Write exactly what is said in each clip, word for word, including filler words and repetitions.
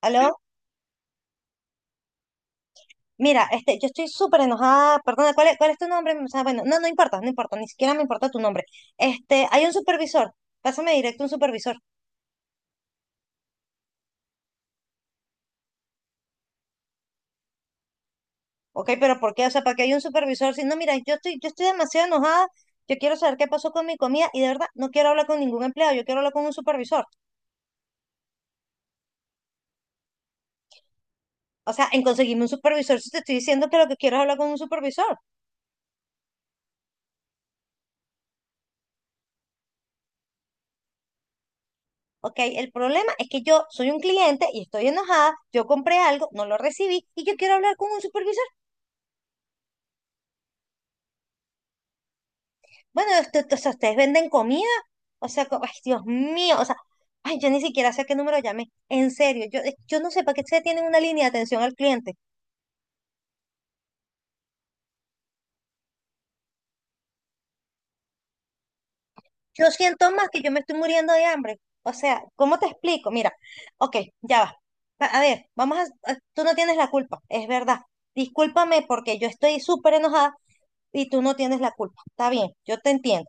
Aló, mira, este, yo estoy súper enojada, perdona, ¿cuál es, ¿cuál es tu nombre? O sea, bueno, no, no importa, no importa, ni siquiera me importa tu nombre. Este, hay un supervisor, pásame directo un supervisor, ¿ok? Pero ¿por qué? O sea, ¿para qué hay un supervisor? Si no, mira, yo estoy, yo estoy demasiado enojada, yo quiero saber qué pasó con mi comida y de verdad no quiero hablar con ningún empleado, yo quiero hablar con un supervisor. O sea, en conseguirme un supervisor, si te estoy diciendo que lo que quiero es hablar con un supervisor, ¿ok? El problema es que yo soy un cliente y estoy enojada, yo compré algo, no lo recibí y yo quiero hablar con un supervisor. Bueno, este- o sea, ¿ustedes venden comida? O sea, co- ay, Dios mío, o sea, ay, yo ni siquiera sé a qué número llamé. En serio, yo, eh, yo no sé para qué se tienen una línea de atención al cliente. Yo siento más que yo me estoy muriendo de hambre. O sea, ¿cómo te explico? Mira, ok, ya va. Va- A ver, vamos a, a- tú no tienes la culpa, es verdad. Discúlpame porque yo estoy súper enojada y tú no tienes la culpa. Está bien, yo te entiendo.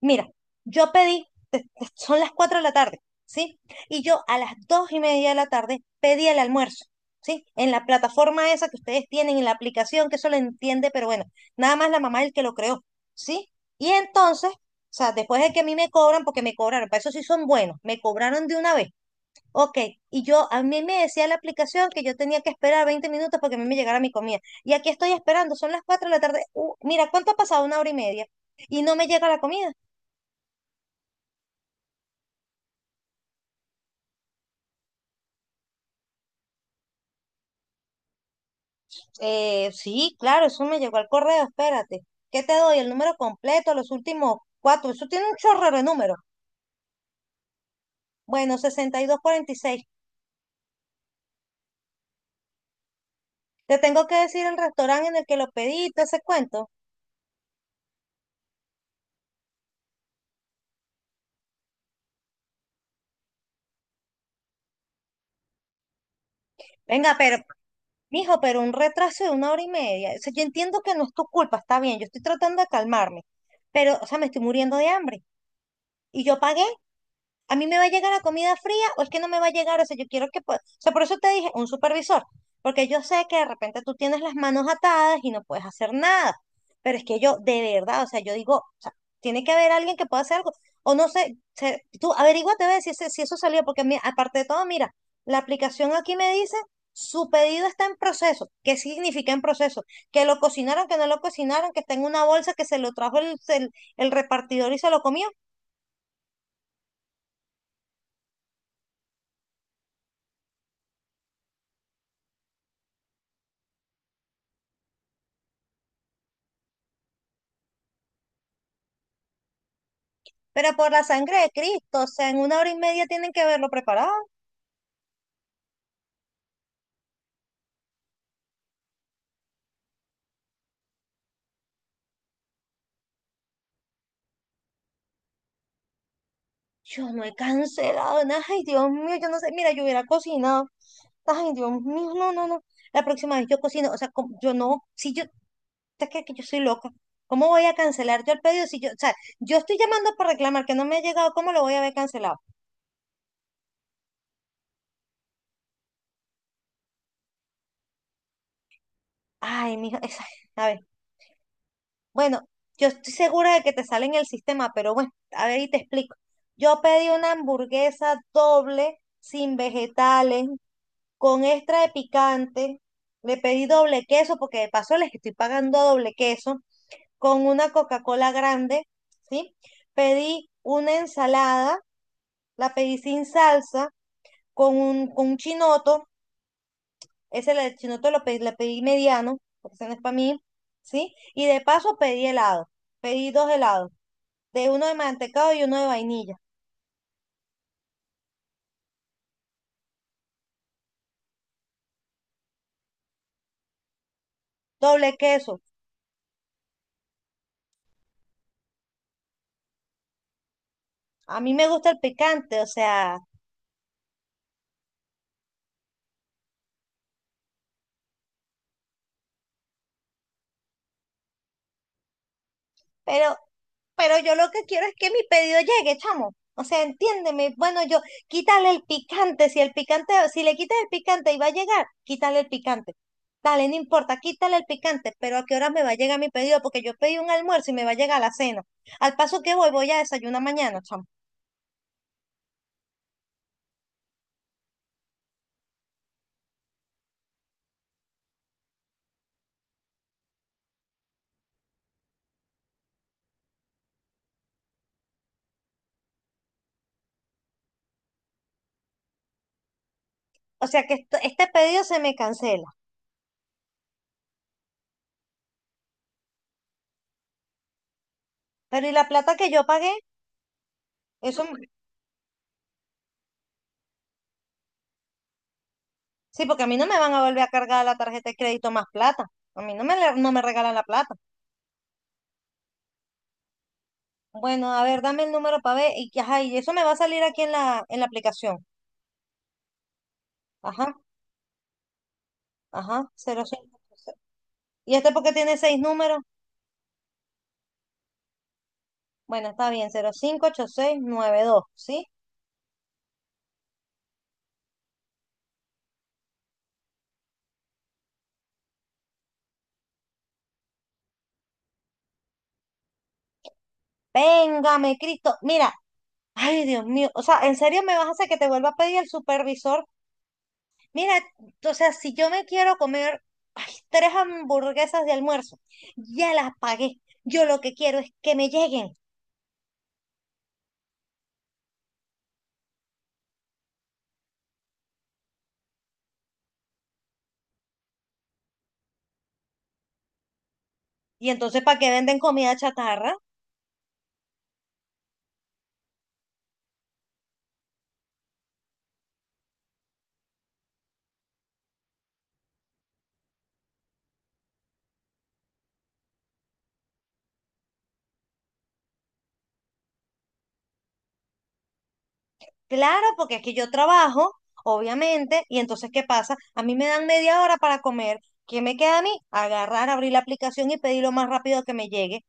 Mira, yo pedí, te- te- son las cuatro de la tarde, ¿sí? Y yo a las dos y media de la tarde pedí el almuerzo, ¿sí? En la plataforma esa que ustedes tienen, en la aplicación, que eso lo entiende, pero bueno, nada más la mamá es el que lo creó, ¿sí? Y entonces, o sea, después de que a mí me cobran, porque me cobraron, para eso sí son buenos, me cobraron de una vez. Ok, y yo, a mí me decía la aplicación que yo tenía que esperar veinte minutos para que a mí me llegara mi comida. Y aquí estoy esperando, son las cuatro de la tarde. Uh, mira, ¿cuánto ha pasado? Una hora y media. Y no me llega la comida. Eh, sí, claro, eso me llegó al correo, espérate. ¿Qué te doy? El número completo, los últimos cuatro. Eso tiene un chorro de números. Bueno, sesenta y y dos cuarenta y seis. Te tengo que decir el restaurante en el que lo pedí, y todo ese cuento. Venga, pero, mijo, pero un retraso de una hora y media. O sea, yo entiendo que no es tu culpa, está bien, yo estoy tratando de calmarme. Pero, o sea, me estoy muriendo de hambre. Y yo pagué. ¿A mí me va a llegar la comida fría o es que no me va a llegar? O sea, yo quiero que... pue- O sea, por eso te dije, un supervisor, porque yo sé que de repente tú tienes las manos atadas y no puedes hacer nada, pero es que yo, de verdad, o sea, yo digo, o sea, tiene que haber alguien que pueda hacer algo, o no sé, se- tú averíguate a ver si, ese- si eso salió, porque a aparte de todo, mira, la aplicación aquí me dice, su pedido está en proceso. ¿Qué significa en proceso? Que lo cocinaron, que no lo cocinaron, que está en una bolsa, que se lo trajo el, el el repartidor y se lo comió. Pero por la sangre de Cristo, o sea, en una hora y media tienen que haberlo preparado. Yo no he cancelado nada. Ay, Dios mío, yo no sé. Mira, yo hubiera cocinado. Ay, Dios mío, no, no, no. La próxima vez yo cocino, o sea, com- yo no, si yo, te crees que yo soy loca. ¿Cómo voy a cancelar yo el pedido si yo, o sea, yo estoy llamando para reclamar que no me ha llegado, ¿cómo lo voy a haber cancelado? Ay, mijo, esa- a ver, bueno, yo estoy segura de que te sale en el sistema, pero bueno, a ver y te explico. Yo pedí una hamburguesa doble, sin vegetales, con extra de picante, le pedí doble queso, porque de paso les estoy pagando doble queso, con una Coca-Cola grande, ¿sí? Pedí una ensalada, la pedí sin salsa, con un, con un chinoto, ese el chinoto lo pedí, le pedí mediano, porque ese no es para mí, ¿sí? Y de paso pedí helado, pedí dos helados, de uno de mantecado y uno de vainilla, doble queso. A mí me gusta el picante, o sea, pero pero yo lo que quiero es que mi pedido llegue, chamo. O sea, entiéndeme. Bueno, yo quítale el picante. Si el picante, si le quitas el picante y va a llegar, quítale el picante. Dale, no importa, quítale el picante, pero ¿a qué hora me va a llegar mi pedido? Porque yo pedí un almuerzo y me va a llegar la cena. Al paso que voy, voy a desayunar mañana, chamo. O sea que esto- este pedido se me cancela. Pero ¿y la plata que yo pagué? Eso, m- sí, porque a mí no me van a volver a cargar la tarjeta de crédito más plata. A mí no me, le- no me regalan la plata. Bueno, a ver, dame el número para ver. Y, que- ajá, y eso me va a salir aquí en la, en la aplicación. Ajá, ajá, cero cinco. ¿Y este porque tiene seis números? Bueno, está bien, cero cinco ocho seis nueve dos, ¿sí? Véngame, Cristo. Mira, ay, Dios mío. O sea, ¿en serio me vas a hacer que te vuelva a pedir el supervisor? Mira, o sea, si yo me quiero comer ay, tres hamburguesas de almuerzo, ya las pagué. Yo lo que quiero es que me lleguen. Y entonces, ¿para qué venden comida chatarra? Claro, porque es que yo trabajo, obviamente, y entonces, ¿qué pasa? A mí me dan media hora para comer. ¿Qué me queda a mí? Agarrar, abrir la aplicación y pedir lo más rápido que me llegue.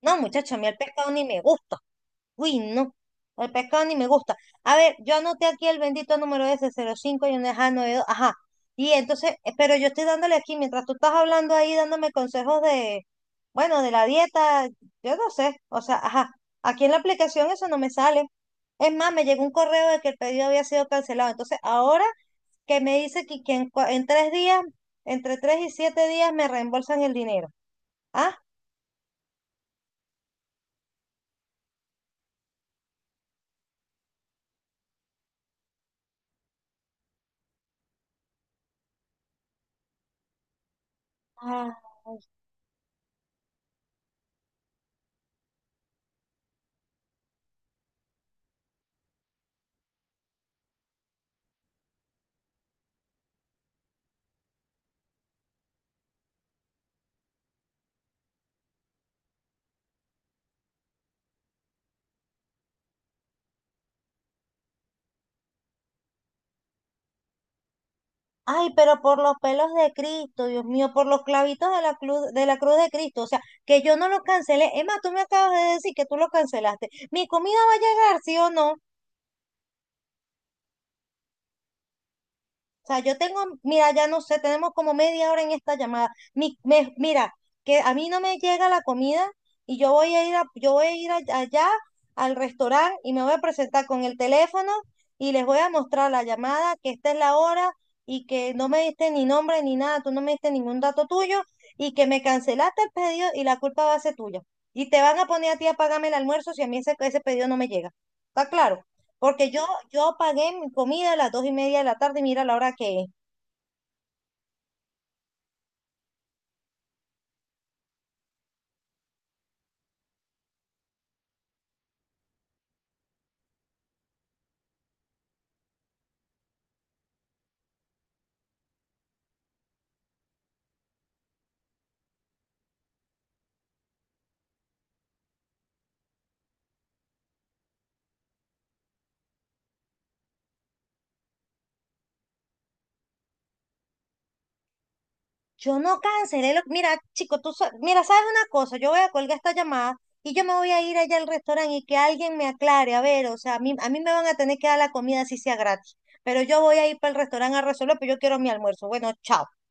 No, muchacho, a mí el pescado ni me gusta. Uy, no. El pescado ni me gusta. A ver, yo anoté aquí el bendito número ese, cero cinco y un ajá, noventa y dos. Ajá. Y entonces, eh, pero yo estoy dándole aquí, mientras tú estás hablando ahí, dándome consejos de, bueno, de la dieta, yo no sé. O sea, ajá. Aquí en la aplicación eso no me sale. Es más, me llegó un correo de que el pedido había sido cancelado. Entonces, ahora que me dice que, que en, cua- en tres días, entre tres y siete días me reembolsan el dinero. Ah, ah. Ay, pero por los pelos de Cristo, Dios mío, por los clavitos de la cruz, de la cruz de Cristo, o sea, que yo no lo cancelé. Emma, tú me acabas de decir que tú lo cancelaste. ¿Mi comida va a llegar, sí o no? O sea, yo tengo, mira, ya no sé, tenemos como media hora en esta llamada. Mi- me- mira, que a mí no me llega la comida y yo voy a ir a- yo voy a ir a- allá al restaurante y me voy a presentar con el teléfono y les voy a mostrar la llamada, que esta es la hora y que no me diste ni nombre ni nada, tú no me diste ningún dato tuyo y que me cancelaste el pedido y la culpa va a ser tuya. Y te van a poner a ti a pagarme el almuerzo si a mí ese, ese pedido no me llega. ¿Está claro? Porque yo, yo pagué mi comida a las dos y media de la tarde y mira la hora que es. Yo no cancelé lo... Mira, chico, tú... sa- Mira, ¿sabes una cosa? Yo voy a colgar esta llamada y yo me voy a ir allá al restaurante y que alguien me aclare. A ver, o sea, a mí, a mí me van a tener que dar la comida así sea gratis. Pero yo voy a ir para el restaurante a resolver, pero yo quiero mi almuerzo. Bueno, chao.